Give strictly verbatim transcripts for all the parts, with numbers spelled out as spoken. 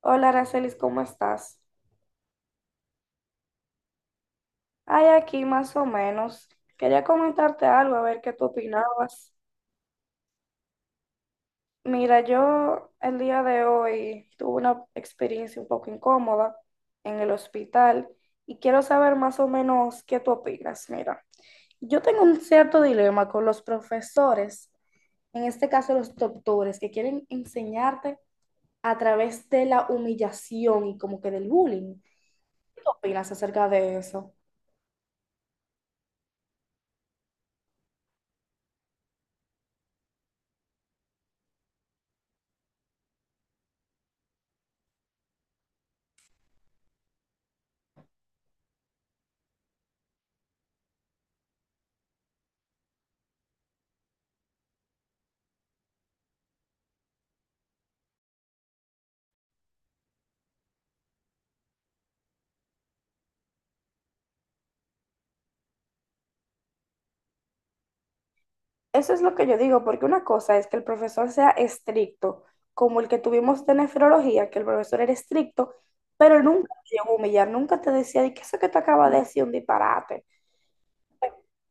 Hola, Aracelis, ¿cómo estás? Ay, aquí más o menos. Quería comentarte algo, a ver qué tú opinabas. Mira, yo el día de hoy tuve una experiencia un poco incómoda en el hospital y quiero saber más o menos qué tú opinas. Mira, yo tengo un cierto dilema con los profesores, en este caso los doctores, que quieren enseñarte a través de la humillación y como que del bullying. ¿Qué tú opinas acerca de eso? Eso es lo que yo digo, porque una cosa es que el profesor sea estricto, como el que tuvimos de nefrología, que el profesor era estricto, pero nunca te llegó a humillar, nunca te decía, ¿y qué es eso que te acaba de decir un disparate?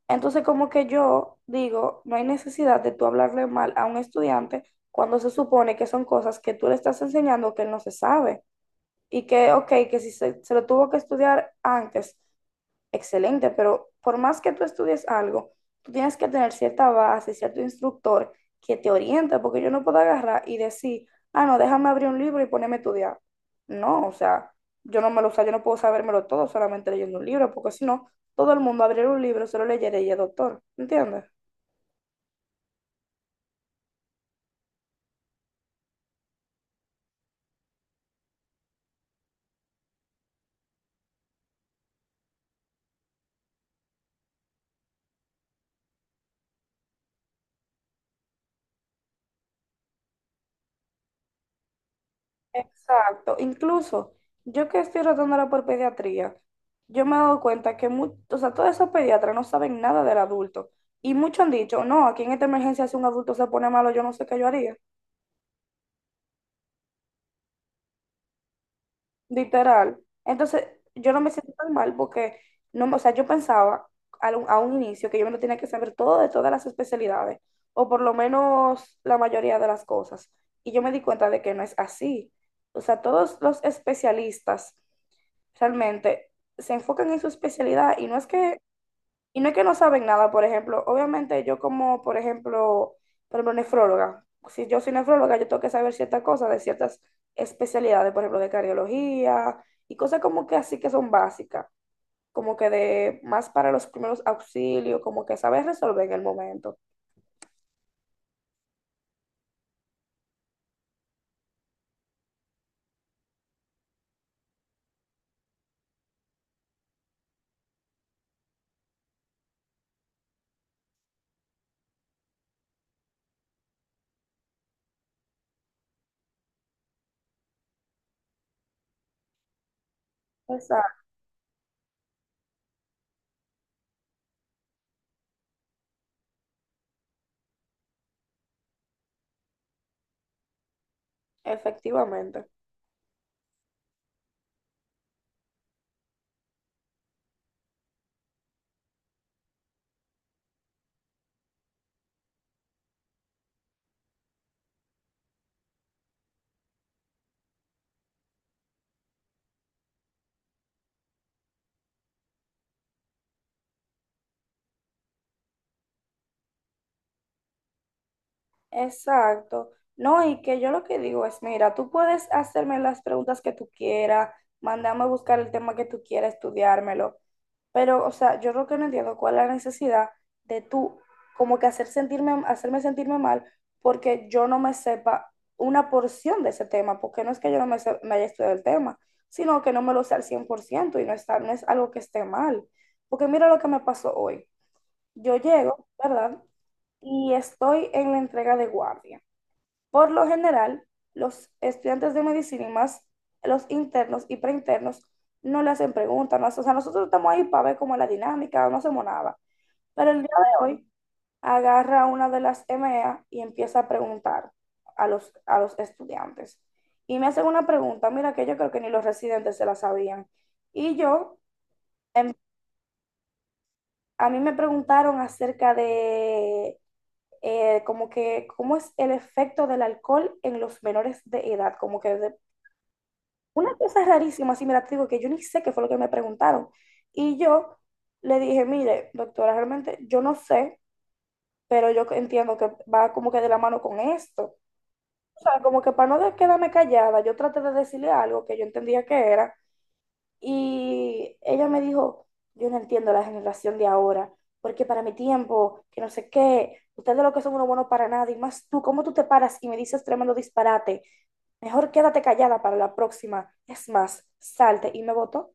Entonces, como que yo digo, no hay necesidad de tú hablarle mal a un estudiante cuando se supone que son cosas que tú le estás enseñando que él no se sabe y que, ok, que si se, se lo tuvo que estudiar antes, excelente, pero por más que tú estudies algo, tú tienes que tener cierta base, cierto instructor que te oriente, porque yo no puedo agarrar y decir, ah, no, déjame abrir un libro y ponerme a estudiar. No, o sea, yo no me lo, o sea, yo no puedo sabérmelo todo solamente leyendo un libro, porque si no, todo el mundo abriera un libro, solo leyera y es doctor, ¿entiendes? Exacto. Incluso yo que estoy rotando ahora por pediatría, yo me he dado cuenta que mu- o sea, todos esos pediatras no saben nada del adulto. Y muchos han dicho, no, aquí en esta emergencia si un adulto se pone malo, yo no sé qué yo haría. Literal. Entonces, yo no me siento tan mal porque, no, me- o sea, yo pensaba a un, a un inicio que yo me lo tenía que saber todo de todas las especialidades, o por lo menos la mayoría de las cosas. Y yo me di cuenta de que no es así. O sea, todos los especialistas realmente se enfocan en su especialidad y no es que, y no es que no saben nada, por ejemplo, obviamente yo como, por ejemplo, por ejemplo, nefróloga, si yo soy nefróloga, yo tengo que saber ciertas cosas de ciertas especialidades, por ejemplo, de cardiología y cosas como que así que son básicas, como que de más para los primeros auxilios, como que saber resolver en el momento. Exacto, efectivamente. Exacto. No, y que yo lo que digo es, mira, tú puedes hacerme las preguntas que tú quieras, mandarme a buscar el tema que tú quieras, estudiármelo, pero, o sea, yo lo que no entiendo cuál es la necesidad de tú como que hacer sentirme, hacerme sentirme mal porque yo no me sepa una porción de ese tema, porque no es que yo no me, se- me haya estudiado el tema, sino que no me lo sé al cien por ciento y no está, no es algo que esté mal. Porque mira lo que me pasó hoy. Yo llego, ¿verdad? Y estoy en la entrega de guardia. Por lo general, los estudiantes de medicina y más los internos y preinternos no le hacen preguntas, no, o sea, nosotros estamos ahí para ver cómo es la dinámica, no hacemos nada. Pero el día de hoy agarra una de las M E A y empieza a preguntar a los, a los estudiantes. Y me hacen una pregunta, mira, que yo creo que ni los residentes se la sabían. Y yo, em, a mí me preguntaron acerca de eh, como que, cómo es el efecto del alcohol en los menores de edad, como que de- una cosa rarísima, así, mira, te digo que yo ni sé qué fue lo que me preguntaron. Y yo le dije, mire, doctora, realmente yo no sé, pero yo entiendo que va como que de la mano con esto. O sea, como que para no de- quedarme callada, yo traté de decirle algo que yo entendía que era, y ella me dijo, yo no entiendo la generación de ahora, porque para mi tiempo, que no sé qué, ustedes lo que son uno bueno para nada, y más tú, ¿cómo tú te paras y me dices tremendo disparate? Mejor quédate callada para la próxima. Es más, salte y me votó.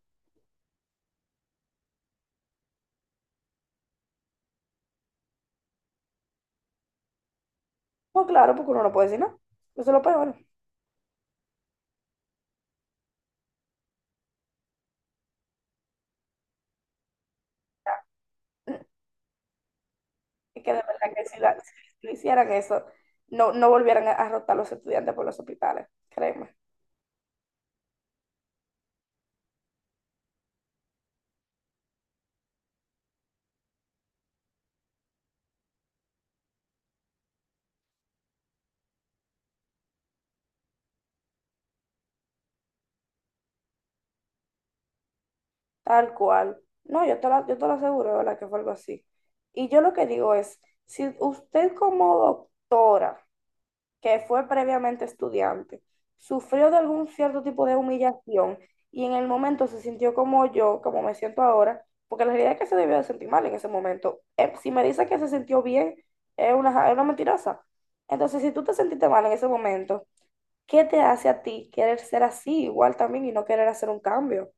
Pues claro, porque uno no puede decir, ¿no? Eso es lo peor. Es que de verdad que si, la- si le hicieran eso, no, no volvieran a a rotar los estudiantes por los hospitales, créeme. Tal cual. No, yo te la- yo te lo aseguro, de ¿verdad? Que fue algo así. Y yo lo que digo es, si usted como doctora, que fue previamente estudiante, sufrió de algún cierto tipo de humillación y en el momento se sintió como yo, como me siento ahora, porque la realidad es que se debió de sentir mal en ese momento. Eh, si me dice que se sintió bien, es una, ja- es una mentirosa. Entonces, si tú te sentiste mal en ese momento, ¿qué te hace a ti querer ser así igual también y no querer hacer un cambio?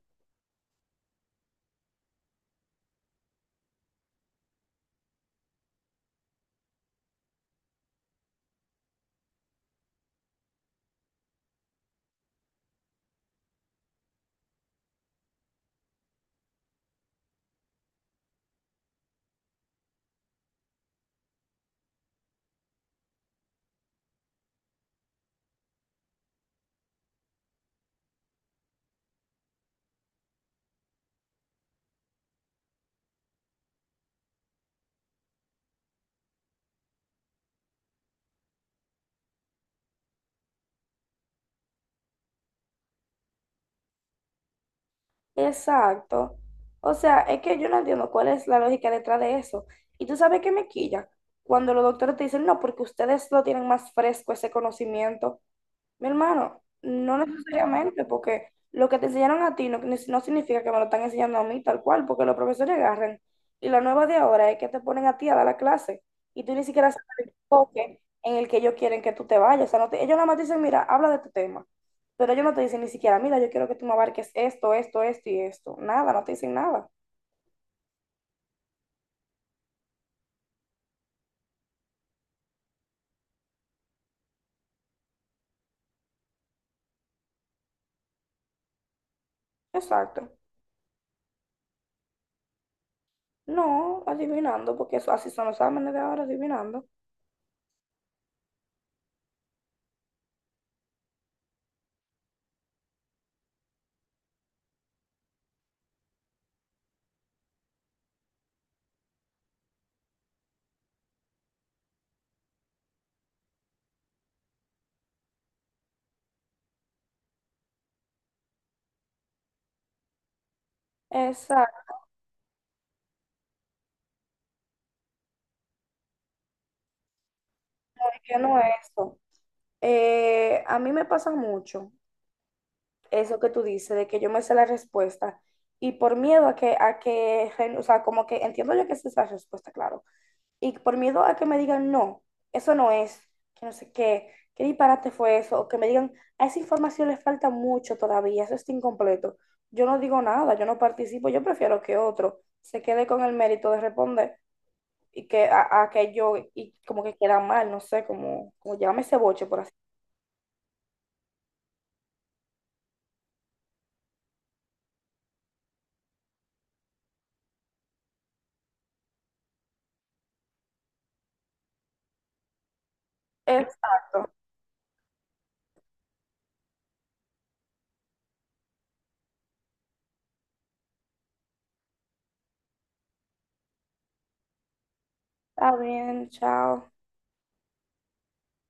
Exacto. O sea, es que yo no entiendo cuál es la lógica detrás de eso. Y tú sabes que me quilla cuando los doctores te dicen, no, porque ustedes lo tienen más fresco ese conocimiento. Mi hermano, no necesariamente, porque lo que te enseñaron a ti no, no significa que me lo están enseñando a mí tal cual, porque los profesores agarran. Y la nueva de ahora es que te ponen a ti a dar la clase y tú ni siquiera sabes el enfoque en el que ellos quieren que tú te vayas. O sea, no te- ellos nada más te dicen, mira, habla de tu tema, pero ellos no te dicen ni siquiera, mira, yo quiero que tú me abarques esto, esto, esto y esto. Nada, no te dicen nada. Exacto. No, adivinando, porque eso, así son los exámenes de ahora, adivinando. Exacto, que no es eso. Eh, a mí me pasa mucho eso que tú dices, de que yo me sé la respuesta y por miedo a que, a que, ren- o sea, como que entiendo yo que esa es la respuesta, claro, y por miedo a que me digan, no, eso no es, que no sé qué, qué disparate fue eso, o que me digan, a esa información le falta mucho todavía, eso está incompleto. Yo no digo nada, yo no participo, yo prefiero que otro se quede con el mérito de responder y que a, a que yo, y como que queda mal, no sé, como, como llámame ese boche, por así. Exacto. Está bien, chao.